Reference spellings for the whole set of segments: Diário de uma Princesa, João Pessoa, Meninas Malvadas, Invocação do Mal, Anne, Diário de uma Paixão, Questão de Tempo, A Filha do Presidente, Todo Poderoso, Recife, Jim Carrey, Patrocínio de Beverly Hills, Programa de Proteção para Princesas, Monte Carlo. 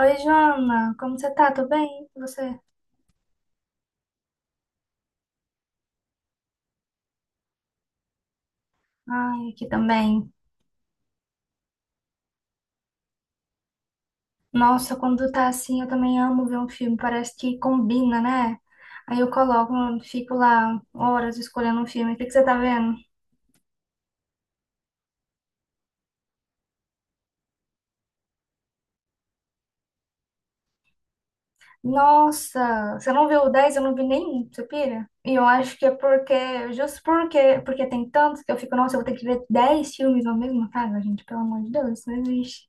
Oi, Joana, como você tá? Tô bem? E você? Ai, aqui também. Nossa, quando tá assim, eu também amo ver um filme, parece que combina, né? Aí eu coloco, fico lá horas escolhendo um filme. O que que você tá vendo? Nossa, você não viu o 10? Eu não vi nenhum, você pira? E eu acho que é porque, justo porque tem tantos que eu fico, nossa, eu vou ter que ver 10 filmes na mesma casa, gente, pelo amor de Deus, isso não existe.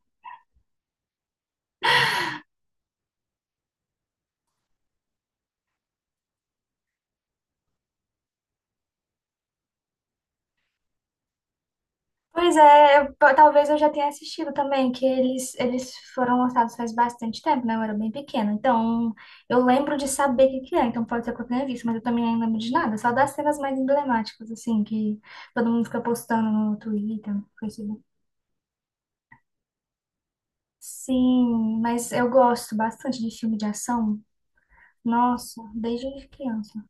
Pois é, talvez eu já tenha assistido também, que eles foram lançados faz bastante tempo, né? Eu era bem pequena. Então, eu lembro de saber o que que é, então pode ser que eu tenha visto, mas eu também não lembro de nada, só das cenas mais emblemáticas, assim, que todo mundo fica postando no Twitter, no Facebook. Sim, mas eu gosto bastante de filme de ação. Nossa, desde criança.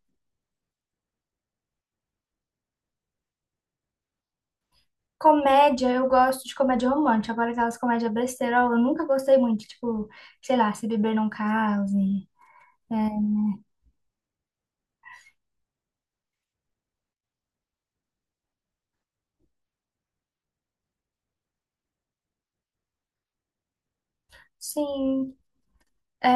Comédia, eu gosto de comédia romântica. Agora, aquelas comédias besteirol, eu nunca gostei muito. Tipo, sei lá, Se Beber Não Case. Sim. É,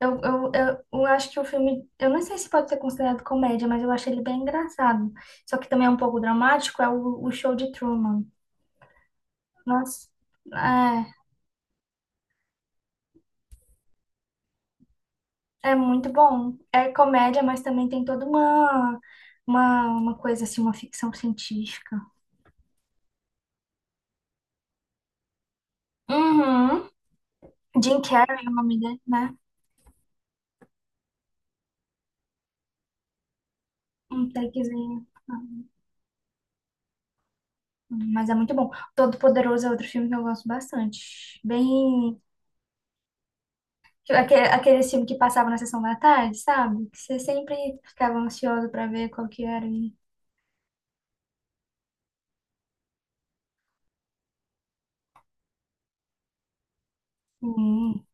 eu acho que o filme, eu não sei se pode ser considerado comédia, mas eu acho ele bem engraçado. Só que também é um pouco dramático, é o Show de Truman. Nossa, é muito bom. É comédia, mas também tem toda uma coisa assim, uma ficção científica. Uhum. Jim Carrey é o nome dele, né? Um takezinho. Mas é muito bom. Todo Poderoso é outro filme que eu gosto bastante. Bem. Tipo, aqueles filmes que passavam na sessão da tarde, sabe? Que você sempre ficava ansioso pra ver qual que era. Hum,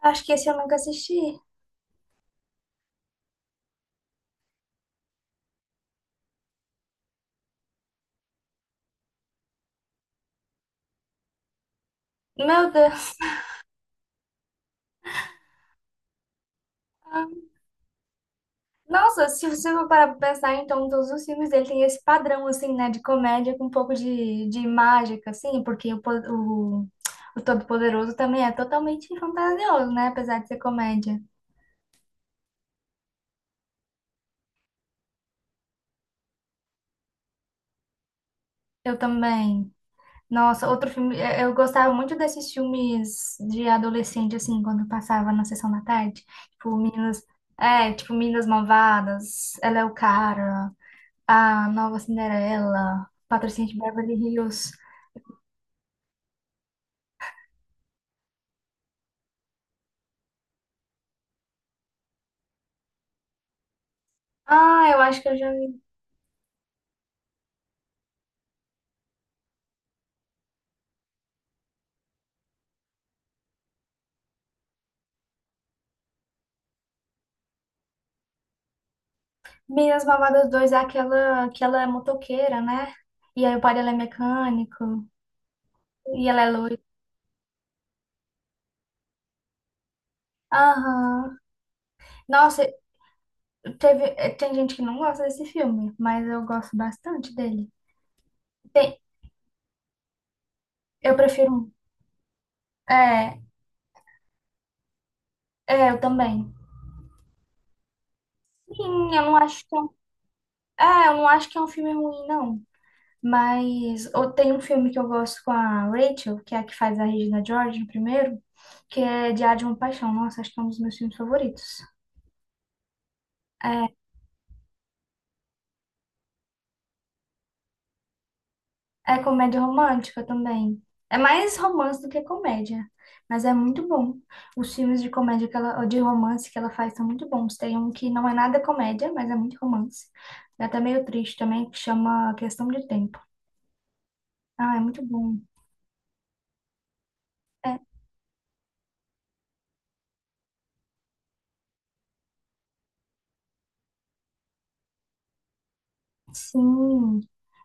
Acho que esse eu nunca assisti. Meu Deus. Ah, nossa, se você for parar pra pensar, então todos os filmes dele têm esse padrão, assim, né? De comédia com um pouco de mágica, assim, porque o Todo-Poderoso também é totalmente fantasioso, né? Apesar de ser comédia. Eu também. Nossa, outro filme. Eu gostava muito desses filmes de adolescente, assim, quando passava na sessão da tarde. Tipo, Meninas. É, tipo, Meninas Malvadas, Ela é o Cara, A Nova Cinderela, Patrocínio de Beverly Hills. Ah, eu acho que eu já vi. Meninas Malvadas 2 é aquela que ela é motoqueira, né? E aí o pai dela é mecânico. E ela é loira. Aham. Nossa, tem gente que não gosta desse filme, mas eu gosto bastante dele. Tem, eu prefiro um. É, é, eu também. Sim, eu não acho que é um filme ruim, não. Mas ou tem um filme que eu gosto com a Rachel, que é a que faz a Regina George no primeiro, que é Diário de uma Paixão. Nossa, acho que é um dos meus filmes favoritos. É, é comédia romântica também. É mais romance do que comédia, mas é muito bom. Os filmes de comédia que ela, ou de romance que ela faz são muito bons. Tem um que não é nada comédia, mas é muito romance. É até meio triste também, que chama Questão de Tempo. Ah, é muito bom. É, sim.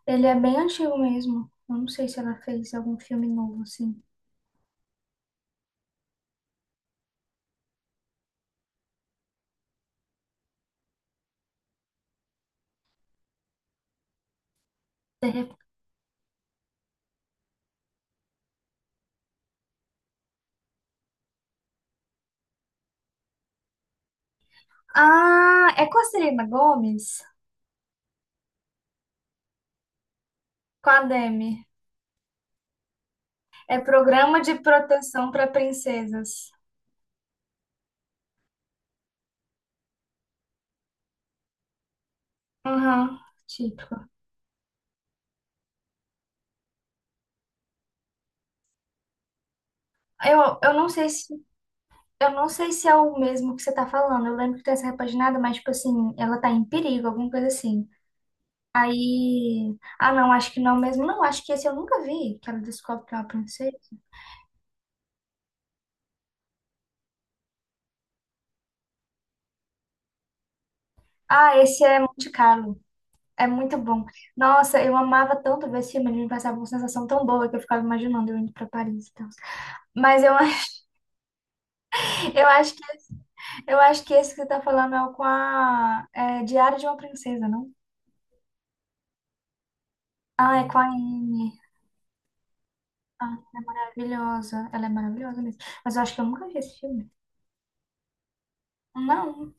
Ele é bem antigo mesmo. Eu não sei se ela fez algum filme novo, assim. De rep- Ah, é com a Selena Gomes? Com a Demi. É Programa de Proteção para Princesas. Aham, típico. Eu não sei se eu não sei se é o mesmo que você tá falando. Eu lembro que tem essa repaginada, mas tipo assim, ela tá em perigo, alguma coisa assim. Aí, ah não, acho que não mesmo. Não, acho que esse eu nunca vi, que ela descobre que é uma princesa. Ah, esse é Monte Carlo. É muito bom. Nossa, eu amava tanto ver esse filme, ele me passava uma sensação tão boa que eu ficava imaginando eu indo para Paris e tal. Mas eu, eu acho que eu acho que esse que você tá falando é o com a Diário de uma Princesa, não? Ah, é com a Anne. Ah, maravilhosa. Ela é maravilhosa mesmo. Mas eu acho que eu nunca vi esse filme. Não.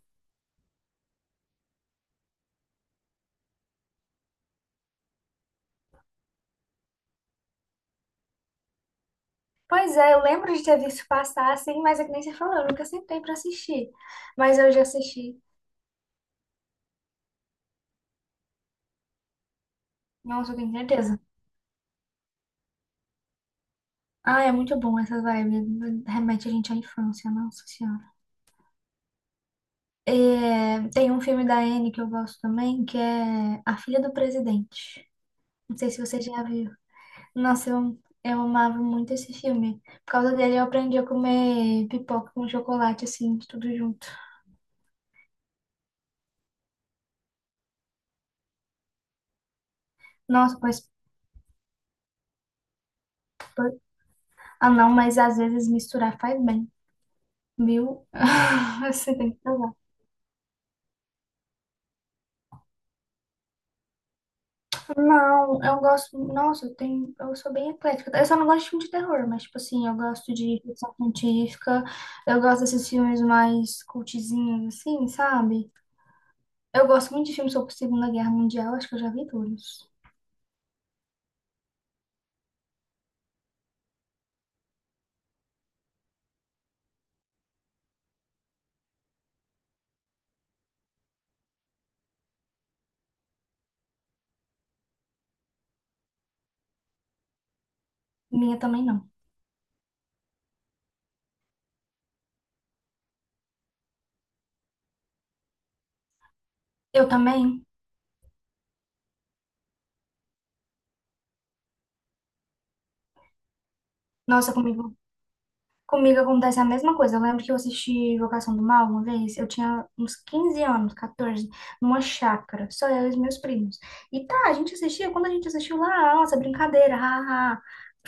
Pois é, eu lembro de ter visto passar assim, mas é que nem você falou, eu nunca sentei para assistir. Mas eu já assisti. Nossa, eu tenho certeza. Ah, é muito bom essas vibes. Remete a gente à infância, nossa senhora. É, tem um filme da Anne que eu gosto também, que é A Filha do Presidente. Não sei se você já viu. Nossa, eu amava muito esse filme. Por causa dele, eu aprendi a comer pipoca com chocolate, assim, tudo junto. Nossa, mas. Ah, não, mas às vezes misturar faz bem, viu? Você tem que provar. Não, eu gosto. Nossa, eu tenho. Eu sou bem eclética. Eu só não gosto de filme de terror, mas, tipo assim, eu gosto de ficção científica. Eu gosto desses filmes mais cultizinhos, assim, sabe? Eu gosto muito de filmes sobre Segunda Guerra Mundial. Acho que eu já vi todos. Minha também não. Eu também. Nossa, comigo acontece a mesma coisa. Eu lembro que eu assisti Invocação do Mal uma vez. Eu tinha uns 15 anos, 14, numa chácara, só eu e os meus primos. E tá, a gente assistia, quando a gente assistiu lá, nossa, brincadeira, ha, ha,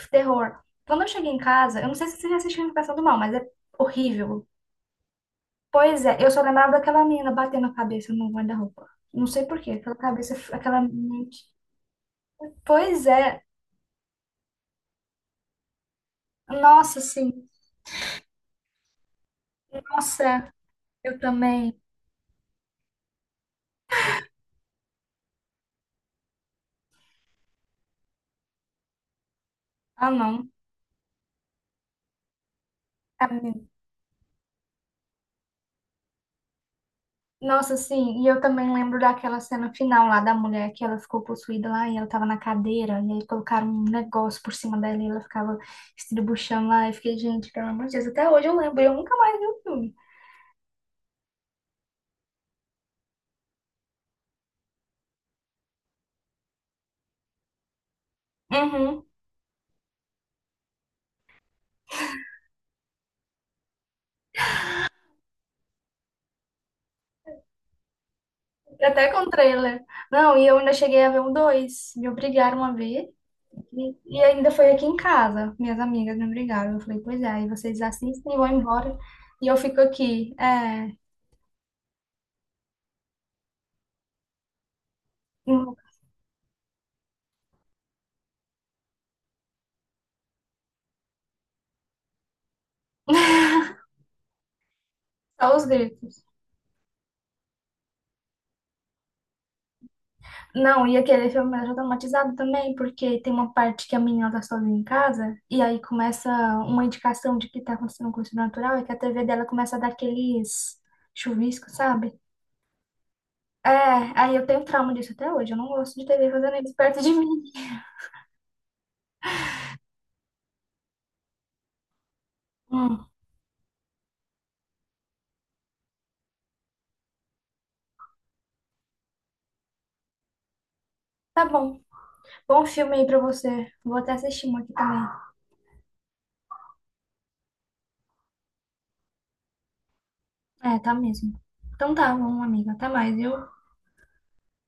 terror. Quando eu cheguei em casa, eu não sei se você já assistiu Invocação do Mal, mas é horrível. Pois é, eu só lembrava daquela menina batendo a cabeça no guarda-roupa. Não sei por quê, aquela cabeça, aquela mente. Pois é, nossa, sim. Nossa, eu também. Ah, não. Nossa, sim, e eu também lembro daquela cena final lá da mulher que ela ficou possuída lá e ela tava na cadeira e aí colocaram um negócio por cima dela e ela ficava estribuchando lá. Eu fiquei, gente, pelo amor de Deus, até hoje eu lembro, eu nunca mais vi o filme. Uhum, até com trailer. Não, e eu ainda cheguei a ver um dois, me obrigaram a ver e ainda foi aqui em casa, minhas amigas me obrigaram. Eu falei, pois é, aí vocês assistem e vão embora e eu fico aqui, em- só os gritos. Não, e aquele filme me deixou traumatizado também, porque tem uma parte que a menina tá sozinha em casa, e aí começa uma indicação de que tá acontecendo com o natural, é que a TV dela começa a dar aqueles chuviscos, sabe? É, aí eu tenho trauma disso até hoje, eu não gosto de TV fazendo isso perto de mim. Hum, tá bom. Bom filme aí pra você. Vou até assistir um aqui também. É, tá mesmo. Então tá bom, amiga. Até mais, viu?